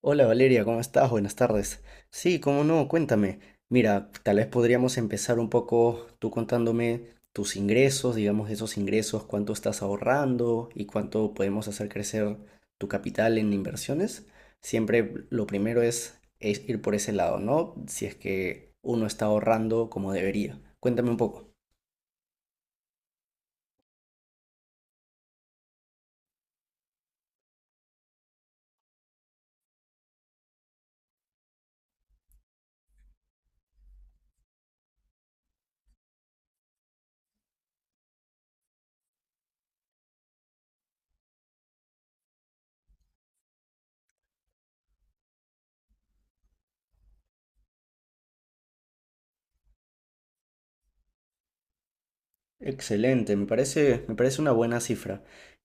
Hola Valeria, ¿cómo estás? Buenas tardes. Sí, cómo no, cuéntame. Mira, tal vez podríamos empezar un poco tú contándome tus ingresos, digamos esos ingresos, cuánto estás ahorrando y cuánto podemos hacer crecer tu capital en inversiones. Siempre lo primero es ir por ese lado, ¿no? Si es que uno está ahorrando como debería. Cuéntame un poco. Excelente, me parece una buena cifra.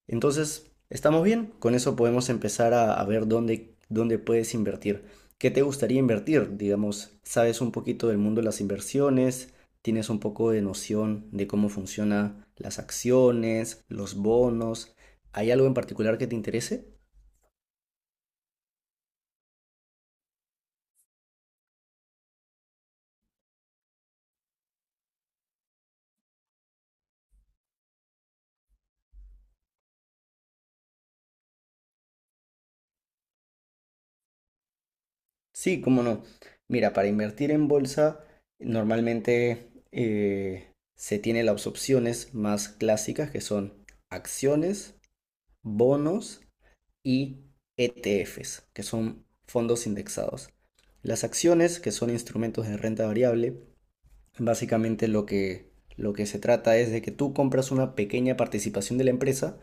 Entonces, ¿estamos bien? Con eso podemos empezar a ver dónde puedes invertir. ¿Qué te gustaría invertir? Digamos, ¿sabes un poquito del mundo de las inversiones? ¿Tienes un poco de noción de cómo funcionan las acciones, los bonos? ¿Hay algo en particular que te interese? Sí, cómo no. Mira, para invertir en bolsa, normalmente se tiene las opciones más clásicas que son acciones, bonos y ETFs, que son fondos indexados. Las acciones, que son instrumentos de renta variable, básicamente lo que se trata es de que tú compras una pequeña participación de la empresa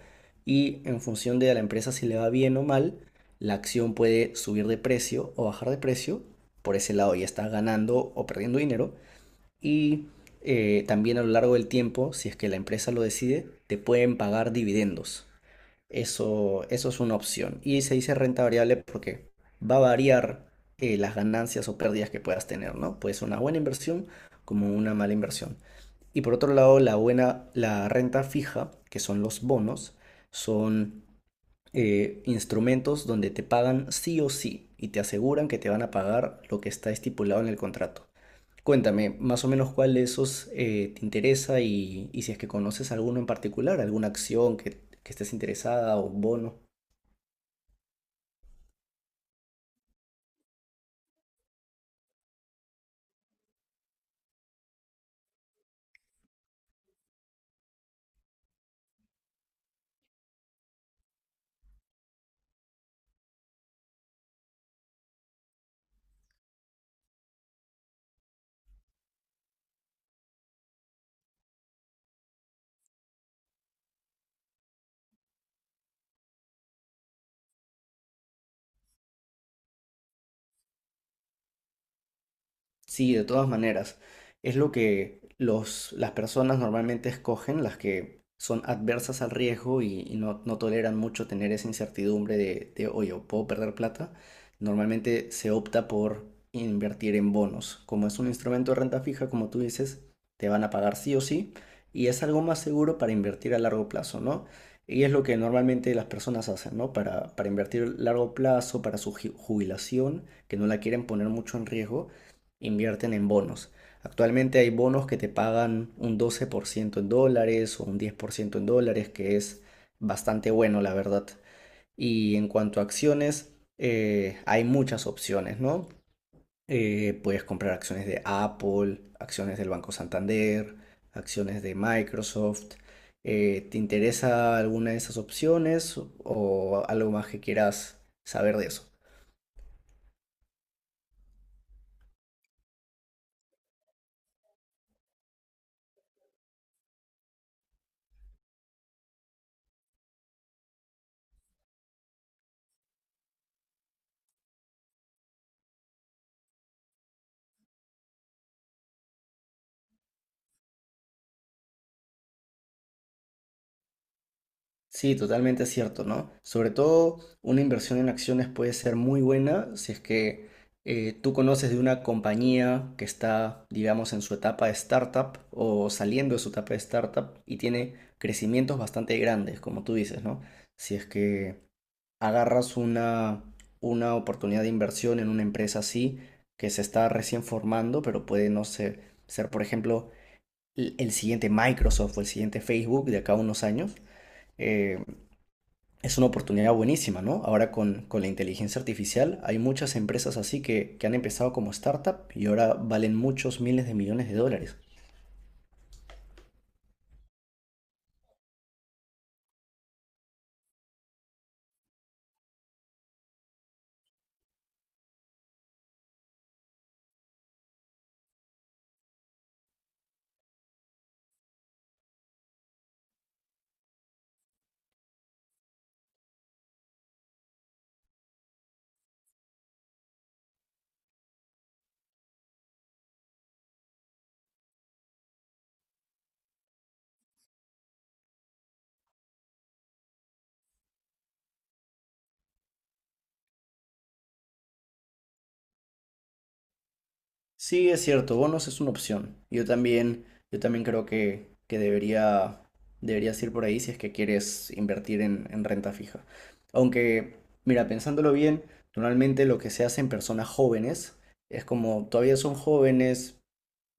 y en función de a la empresa si le va bien o mal, la acción puede subir de precio o bajar de precio. Por ese lado ya estás ganando o perdiendo dinero. Y también a lo largo del tiempo, si es que la empresa lo decide, te pueden pagar dividendos. Eso es una opción. Y se dice renta variable porque va a variar las ganancias o pérdidas que puedas tener, ¿no? Puede ser una buena inversión como una mala inversión. Y por otro lado, la renta fija, que son los bonos, son instrumentos donde te pagan sí o sí y te aseguran que te van a pagar lo que está estipulado en el contrato. Cuéntame, más o menos cuál de esos te interesa y si es que conoces alguno en particular, alguna que estés interesada o bono. Sí, de todas maneras. Es lo que las personas normalmente escogen, las que son adversas al riesgo y no toleran mucho tener esa incertidumbre oye, ¿puedo perder plata? Normalmente se opta por invertir en bonos. Como es un instrumento de renta fija, como tú dices, te van a pagar sí o sí y es algo más seguro para invertir a largo plazo, ¿no? Y es lo que normalmente las personas hacen, ¿no? Para invertir a largo plazo, para su jubilación, que no la quieren poner mucho en riesgo invierten en bonos. Actualmente hay bonos que te pagan un 12% en dólares o un 10% en dólares, que es bastante bueno, la verdad. Y en cuanto a acciones, hay muchas opciones, ¿no? Puedes comprar acciones de Apple, acciones del Banco Santander, acciones de Microsoft. ¿Te interesa alguna de esas opciones o algo más que quieras saber de eso? Sí, totalmente cierto, ¿no? Sobre todo una inversión en acciones puede ser muy buena si es que tú conoces de una compañía que está, digamos, en su etapa de startup o saliendo de su etapa de startup y tiene crecimientos bastante grandes, como tú dices, ¿no? Si es que agarras una oportunidad de inversión en una empresa así que se está recién formando, pero puede, no sé, ser, por ejemplo, el siguiente Microsoft o el siguiente Facebook de acá a unos años. eh, es una oportunidad buenísima, ¿no? Ahora con la inteligencia artificial hay muchas empresas así que han empezado como startup y ahora valen muchos miles de millones de dólares. Sí, es cierto, bonos es una opción. Yo también creo que debería, deberías ir por ahí si es que quieres invertir en renta fija. Aunque, mira, pensándolo bien, normalmente lo que se hace en personas jóvenes es como todavía son jóvenes,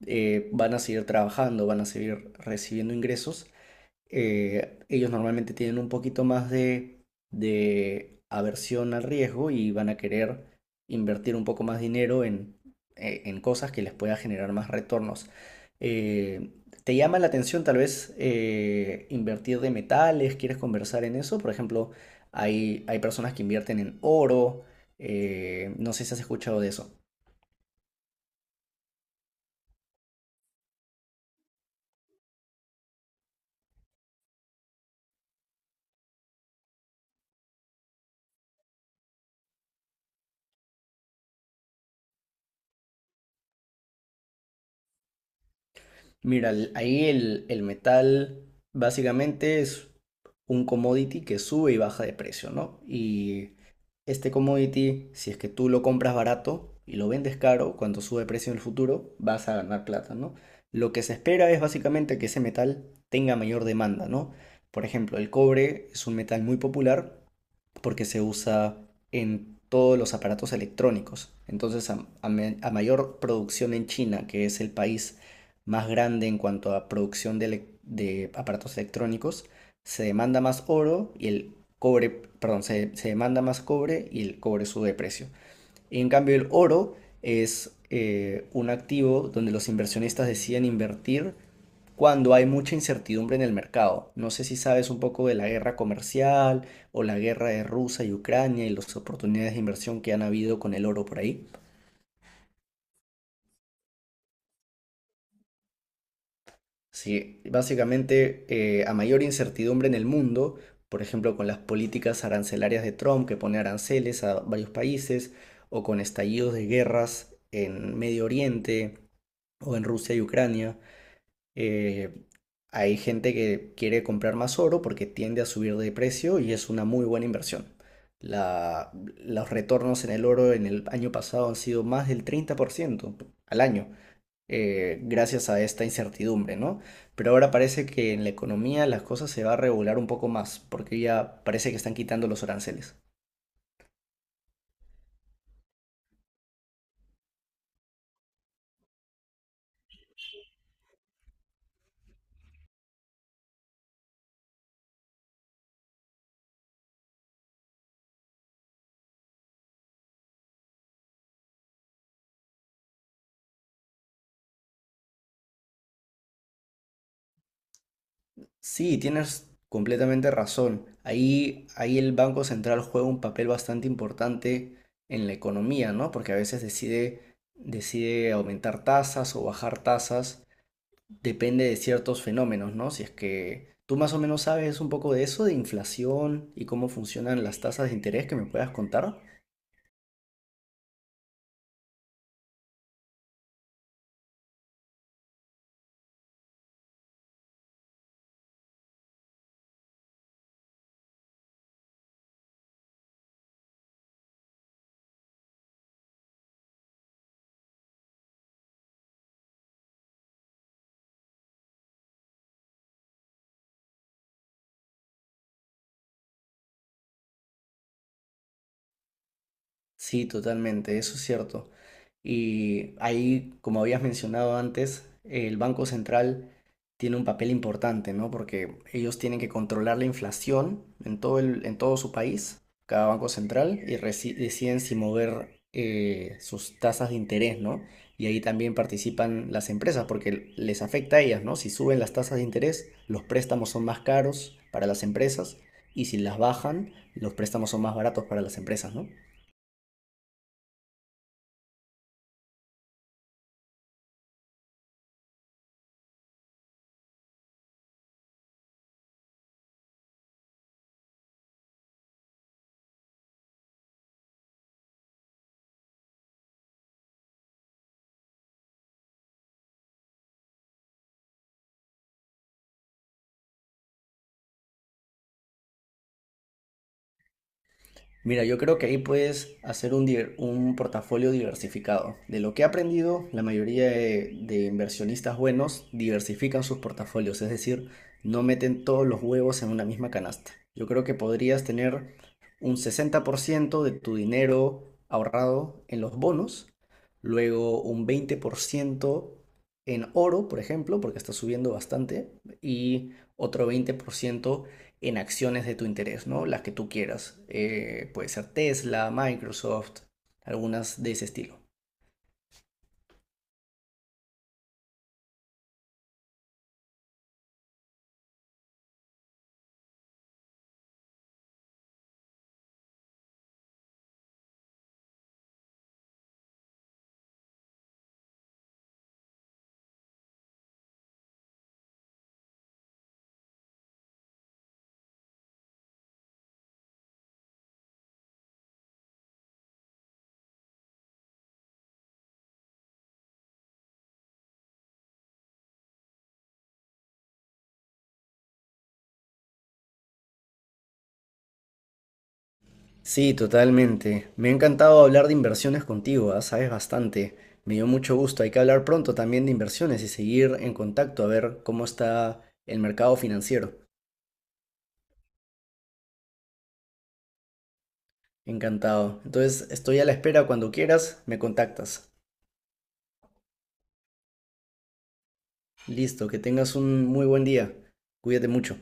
van a seguir trabajando, van a seguir recibiendo ingresos ellos normalmente tienen un poquito más de aversión al riesgo y van a querer invertir un poco más dinero en cosas que les pueda generar más retornos. Eh, ¿Te llama la atención tal vez invertir de metales? ¿Quieres conversar en eso? Por ejemplo, hay personas que invierten en oro. No sé si has escuchado de eso. Mira, ahí el metal básicamente es un commodity que sube y baja de precio, ¿no? Y este commodity, si es que tú lo compras barato y lo vendes caro, cuando sube de precio en el futuro, vas a ganar plata, ¿no? Lo que se espera es básicamente que ese metal tenga mayor demanda, ¿no? Por ejemplo, el cobre es un metal muy popular porque se usa en todos los aparatos electrónicos. Entonces, a mayor producción en China, que es el país más grande en cuanto a producción de aparatos electrónicos, se demanda más oro y el cobre, perdón, se demanda más cobre y el cobre sube de precio. Y en cambio, el oro es un activo donde los inversionistas deciden invertir cuando hay mucha incertidumbre en el mercado. No sé si sabes un poco de la guerra comercial o la guerra de Rusia y Ucrania y las oportunidades de inversión que han habido con el oro por ahí. Sí, básicamente a mayor incertidumbre en el mundo, por ejemplo con las políticas arancelarias de Trump que pone aranceles a varios países o con estallidos de guerras en Medio Oriente o en Rusia y Ucrania, Eh, hay gente que quiere comprar más oro porque tiende a subir de precio y es una muy buena inversión. La- los retornos en el oro en el año pasado han sido más del 30% al año, gracias a esta incertidumbre, ¿no? Pero ahora parece que en la economía las cosas se va a regular un poco más porque ya parece que están quitando los aranceles. Sí, tienes completamente razón. Ahí el Banco Central juega un papel bastante importante en la economía, ¿no? Porque a veces decide aumentar tasas o bajar tasas, depende de ciertos fenómenos, ¿no? Si es que tú más o menos sabes un poco de eso, de inflación y cómo funcionan las tasas de interés que me puedas contar. Sí, totalmente, eso es cierto. Y ahí, como habías mencionado antes, el Banco Central tiene un papel importante, ¿no? Porque ellos tienen que controlar la inflación en todo su país, cada banco central, y deciden si mover sus tasas de interés, ¿no? Y ahí también participan las empresas porque les afecta a ellas, ¿no? Si suben las tasas de interés, los préstamos son más caros para las empresas y si las bajan, los préstamos son más baratos para las empresas, ¿no? Mira, yo creo que ahí puedes hacer un portafolio diversificado. De lo que he aprendido, la mayoría de inversionistas buenos diversifican sus portafolios, es decir, no meten todos los huevos en una misma canasta. Yo creo que podrías tener un 60% de tu dinero ahorrado en los bonos, luego un 20% en oro, por ejemplo, porque está subiendo bastante, y otro 20% en acciones de tu interés, ¿no? Las que tú quieras. Puede ser Tesla, Microsoft, algunas de ese estilo. Sí, totalmente. Me ha encantado hablar de inversiones contigo, ¿ah? Sabes bastante. Me dio mucho gusto. Hay que hablar pronto también de inversiones y seguir en contacto a ver cómo está el mercado financiero. Encantado. Entonces, estoy a la espera. Cuando quieras, me contactas. Listo, que tengas un muy buen día. Cuídate mucho.